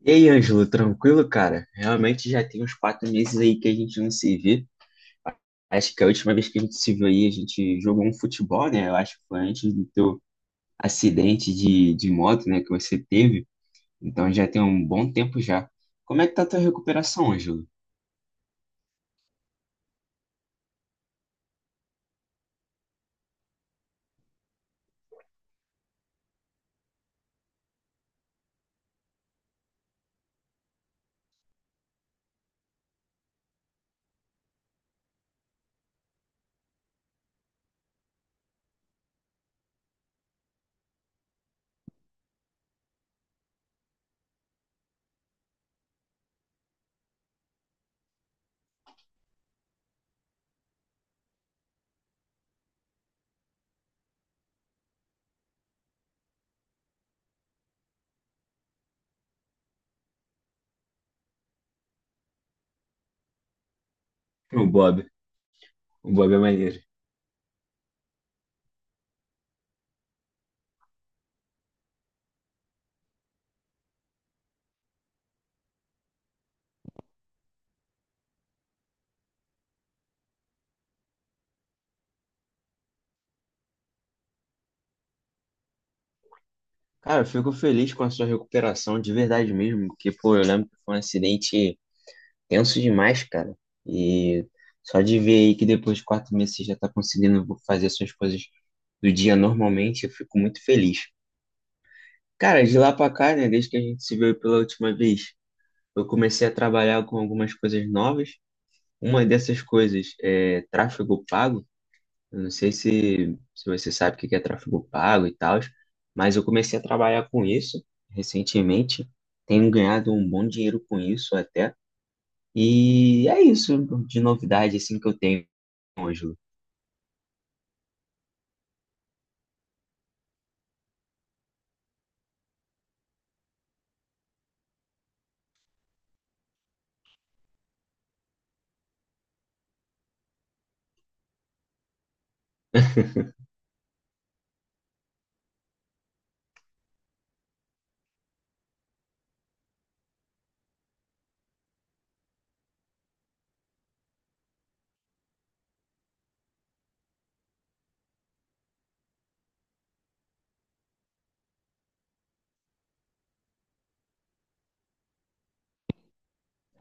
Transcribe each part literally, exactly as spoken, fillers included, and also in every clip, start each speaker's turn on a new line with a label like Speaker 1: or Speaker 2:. Speaker 1: E aí, Ângelo, tranquilo, cara? Realmente já tem uns quatro meses aí que a gente não se vê. Acho que a última vez que a gente se viu aí, a gente jogou um futebol, né? Eu acho que foi antes do teu acidente de, de moto, né, que você teve. Então já tem um bom tempo já. Como é que tá a tua recuperação, Ângelo? O Bob, o Bob é maneiro. Cara, eu fico feliz com a sua recuperação, de verdade mesmo, porque, pô, eu lembro que foi um acidente. tenso demais, cara. E só de ver aí que depois de quatro meses você já tá conseguindo fazer suas coisas do dia normalmente, eu fico muito feliz. Cara, de lá pra cá, né, desde que a gente se viu pela última vez, eu comecei a trabalhar com algumas coisas novas. Uma dessas coisas é tráfego pago. Eu não sei se, se você sabe o que que é tráfego pago e tal, mas eu comecei a trabalhar com isso recentemente. Tenho ganhado um bom dinheiro com isso até. E é isso de novidade assim que eu tenho, Ângelo.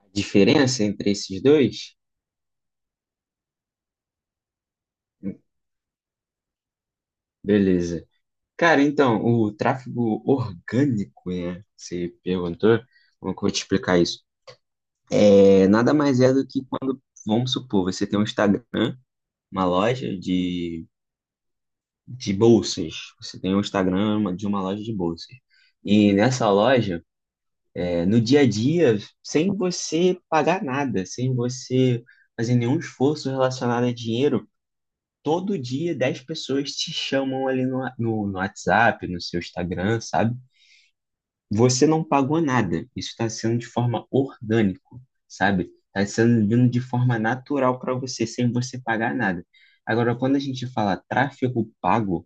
Speaker 1: A diferença entre esses dois? Beleza. Cara, então, o tráfego orgânico, né? Você perguntou, como que eu vou te explicar isso? É, nada mais é do que quando, vamos supor, você tem um Instagram, uma loja de, de bolsas. Você tem um Instagram de uma loja de bolsas. E nessa loja, é, no dia a dia, sem você pagar nada, sem você fazer nenhum esforço relacionado a dinheiro, todo dia dez pessoas te chamam ali no, no, no WhatsApp, no seu Instagram, sabe? Você não pagou nada. Isso está sendo de forma orgânico, sabe? Está sendo vindo de forma natural para você, sem você pagar nada. Agora, quando a gente fala tráfego pago,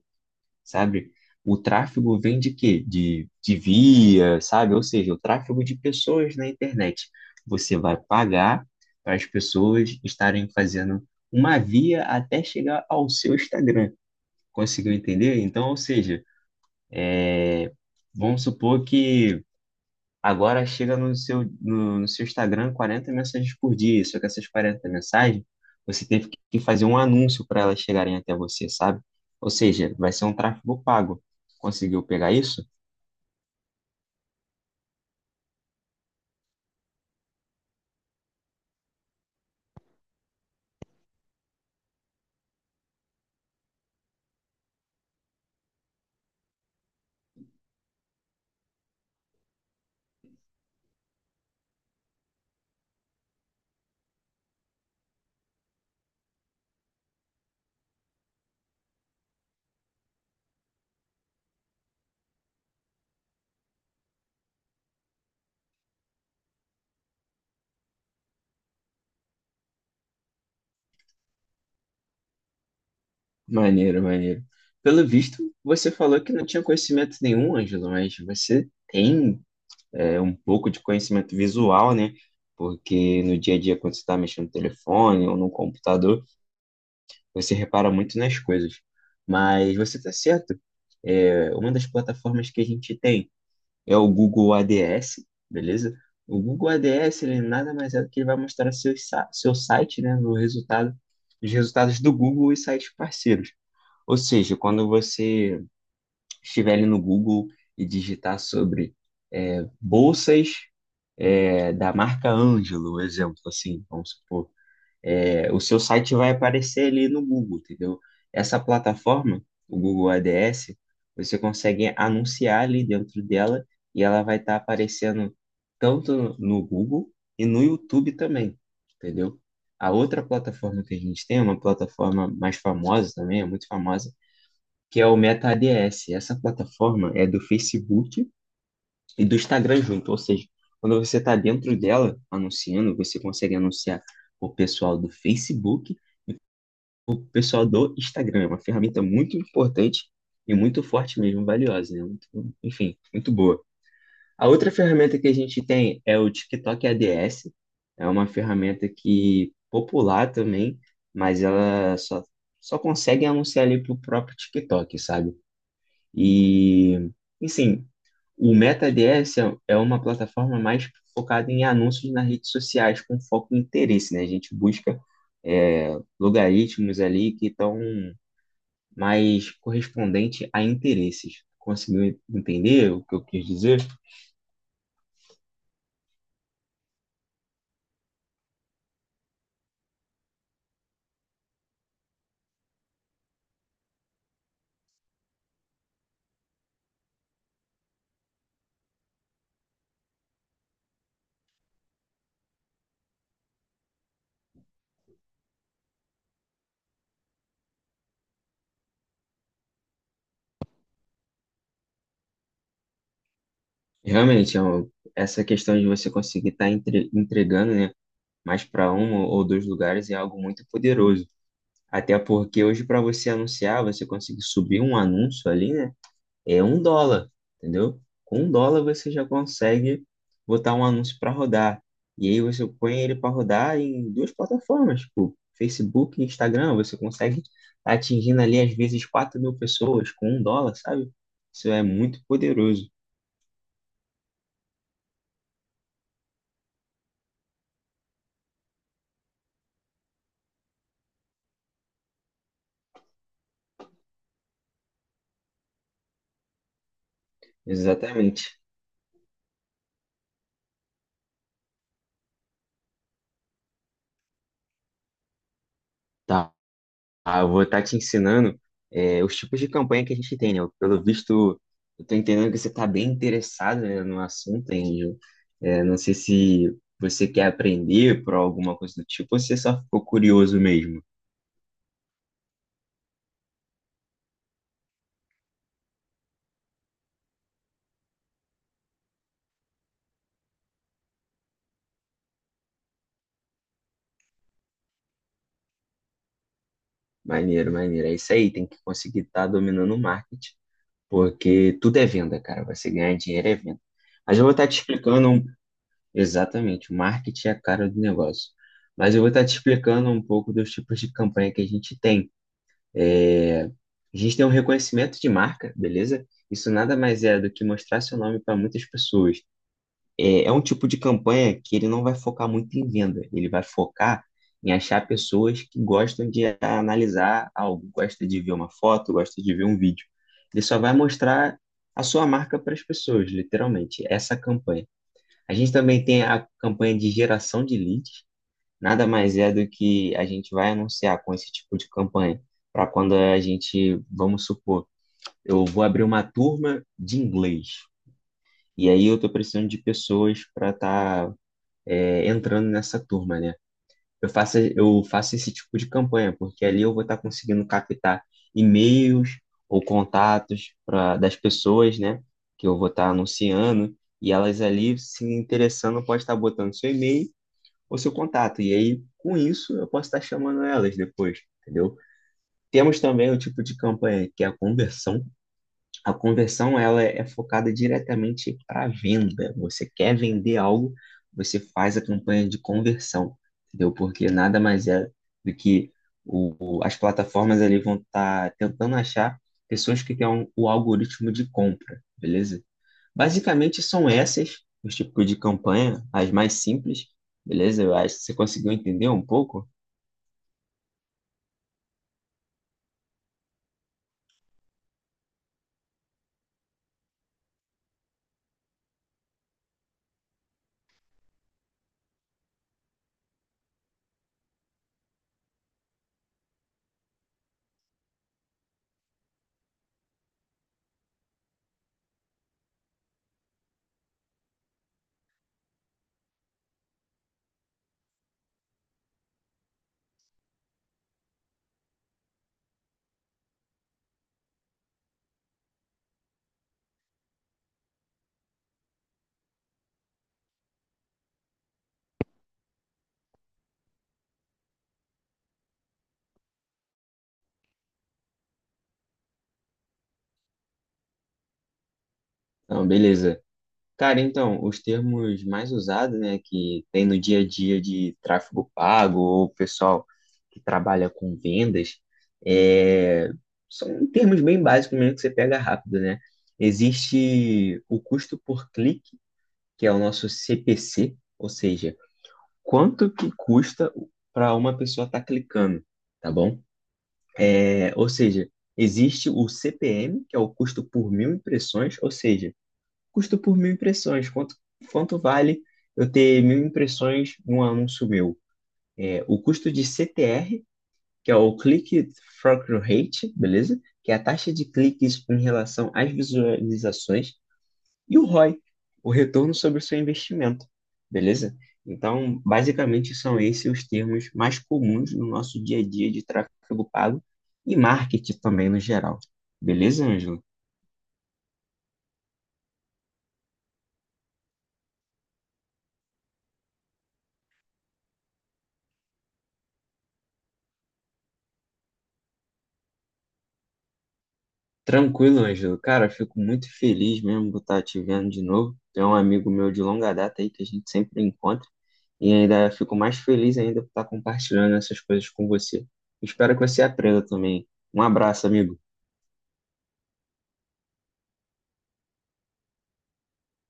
Speaker 1: sabe? O tráfego vem de quê? De, de via, sabe? Ou seja, o tráfego de pessoas na internet. Você vai pagar para as pessoas estarem fazendo uma via até chegar ao seu Instagram. Conseguiu entender? Então, ou seja, é, vamos supor que agora chega no seu, no, no seu Instagram quarenta mensagens por dia, só que essas quarenta mensagens você teve que fazer um anúncio para elas chegarem até você, sabe? Ou seja, vai ser um tráfego pago. Conseguiu pegar isso? Maneiro, maneiro. Pelo visto, você falou que não tinha conhecimento nenhum, Ângelo, mas você tem é, um pouco de conhecimento visual, né? Porque no dia a dia, quando você está mexendo no telefone ou no computador, você repara muito nas coisas. Mas você está certo. É, uma das plataformas que a gente tem é o Google ADS, beleza? O Google ADS, ele nada mais é do que ele vai mostrar seu, sa- seu site, né, no resultado, os resultados do Google e sites parceiros. Ou seja, quando você estiver ali no Google e digitar sobre é, bolsas é, da marca Ângelo, um exemplo, assim, vamos supor é, o seu site vai aparecer ali no Google, entendeu? Essa plataforma, o Google ADS, você consegue anunciar ali dentro dela e ela vai estar aparecendo tanto no Google e no YouTube também, entendeu? A outra plataforma que a gente tem, uma plataforma mais famosa também, é muito famosa, que é o Meta ADS. Essa plataforma é do Facebook e do Instagram junto, ou seja, quando você está dentro dela anunciando, você consegue anunciar o pessoal do Facebook, o pessoal do Instagram, é uma ferramenta muito importante e muito forte mesmo, valiosa, né? Muito- enfim, muito boa. A outra ferramenta que a gente tem é o TikTok ADS, é uma ferramenta que popular também, mas ela só, só consegue anunciar ali pro próprio TikTok, sabe? E, enfim, o Meta ADS é é uma plataforma mais focada em anúncios nas redes sociais com foco em interesse, né? A gente busca é, logaritmos ali que estão mas correspondente a interesses. Conseguiu entender o que eu quis dizer? Realmente, é uma- essa questão de você conseguir estar entregando, né, mais para um ou dois lugares é algo muito poderoso. Até porque hoje, para você anunciar, você conseguir subir um anúncio ali, né? É um dólar, entendeu? Com um dólar você já consegue botar um anúncio para rodar. E aí você põe ele para rodar em duas plataformas, tipo Facebook e Instagram. Você consegue tá atingindo ali às vezes quatro mil pessoas com um dólar, sabe? Isso é muito poderoso. Exatamente. Tá. Ah, eu vou estar te ensinando é, os tipos de campanha que a gente tem, né? Pelo visto, eu tô entendendo que você está bem interessado, né, no assunto, Angel. É, não sei se você quer aprender por alguma coisa do tipo ou se só ficou curioso mesmo. Maneiro, maneiro. É isso aí, tem que conseguir estar dominando o marketing, porque tudo é venda, cara. Você ganhar dinheiro é venda. Mas eu vou estar te explicando um- exatamente, o marketing é a cara do negócio. Mas eu vou estar te explicando um pouco dos tipos de campanha que a gente tem. É, a gente tem um reconhecimento de marca, beleza? Isso nada mais é do que mostrar seu nome para muitas pessoas. É, é um tipo de campanha que ele não vai focar muito em venda, ele vai focar em achar pessoas que gostam de analisar algo, gosta de ver uma foto, gosta de ver um vídeo. Ele só vai mostrar a sua marca para as pessoas, literalmente, essa campanha. A gente também tem a campanha de geração de leads. Nada mais é do que a gente vai anunciar com esse tipo de campanha, para quando a gente, vamos supor, eu vou abrir uma turma de inglês, e aí eu estou precisando de pessoas para estar entrando nessa turma, né? Eu faço, eu faço esse tipo de campanha, porque ali eu vou estar conseguindo captar e-mails ou contatos pra, das pessoas, né? Que eu vou estar anunciando, e elas ali se interessando, pode estar botando seu e-mail, o seu contato. E aí, com isso, eu posso estar chamando elas depois, entendeu? Temos também o tipo de campanha que é a conversão. A conversão ela é focada diretamente para a venda. Você quer vender algo, você faz a campanha de conversão, entendeu? Porque nada mais é do que o, as plataformas ali vão estar tentando achar pessoas que têm um- o algoritmo de compra, beleza? Basicamente são essas, os tipos de campanha, as mais simples, beleza? Eu acho que você conseguiu entender um pouco. Então, beleza. Cara, então, os termos mais usados, né, que tem no dia a dia de tráfego pago ou pessoal que trabalha com vendas, é, são termos bem básicos mesmo que você pega rápido, né? Existe o custo por clique, que é o nosso C P C, ou seja, quanto que custa para uma pessoa estar clicando, tá bom? É, ou seja, existe o C P M, que é o custo por mil impressões, ou seja, custo por mil impressões, quanto, quanto vale eu ter mil impressões num anúncio meu? É, o custo de C T R, que é o Click Through Rate, beleza? Que é a taxa de cliques em relação às visualizações e o roi, o I, o retorno sobre o seu investimento, beleza? Então, basicamente, são esses os termos mais comuns no nosso dia a dia de tráfego pago e marketing também no geral. Beleza, Ângelo? Tranquilo, Ângelo. Cara, eu fico muito feliz mesmo por estar te vendo de novo. É um amigo meu de longa data aí que a gente sempre encontra e ainda fico mais feliz ainda por estar compartilhando essas coisas com você. Espero que você aprenda também. Um abraço, amigo.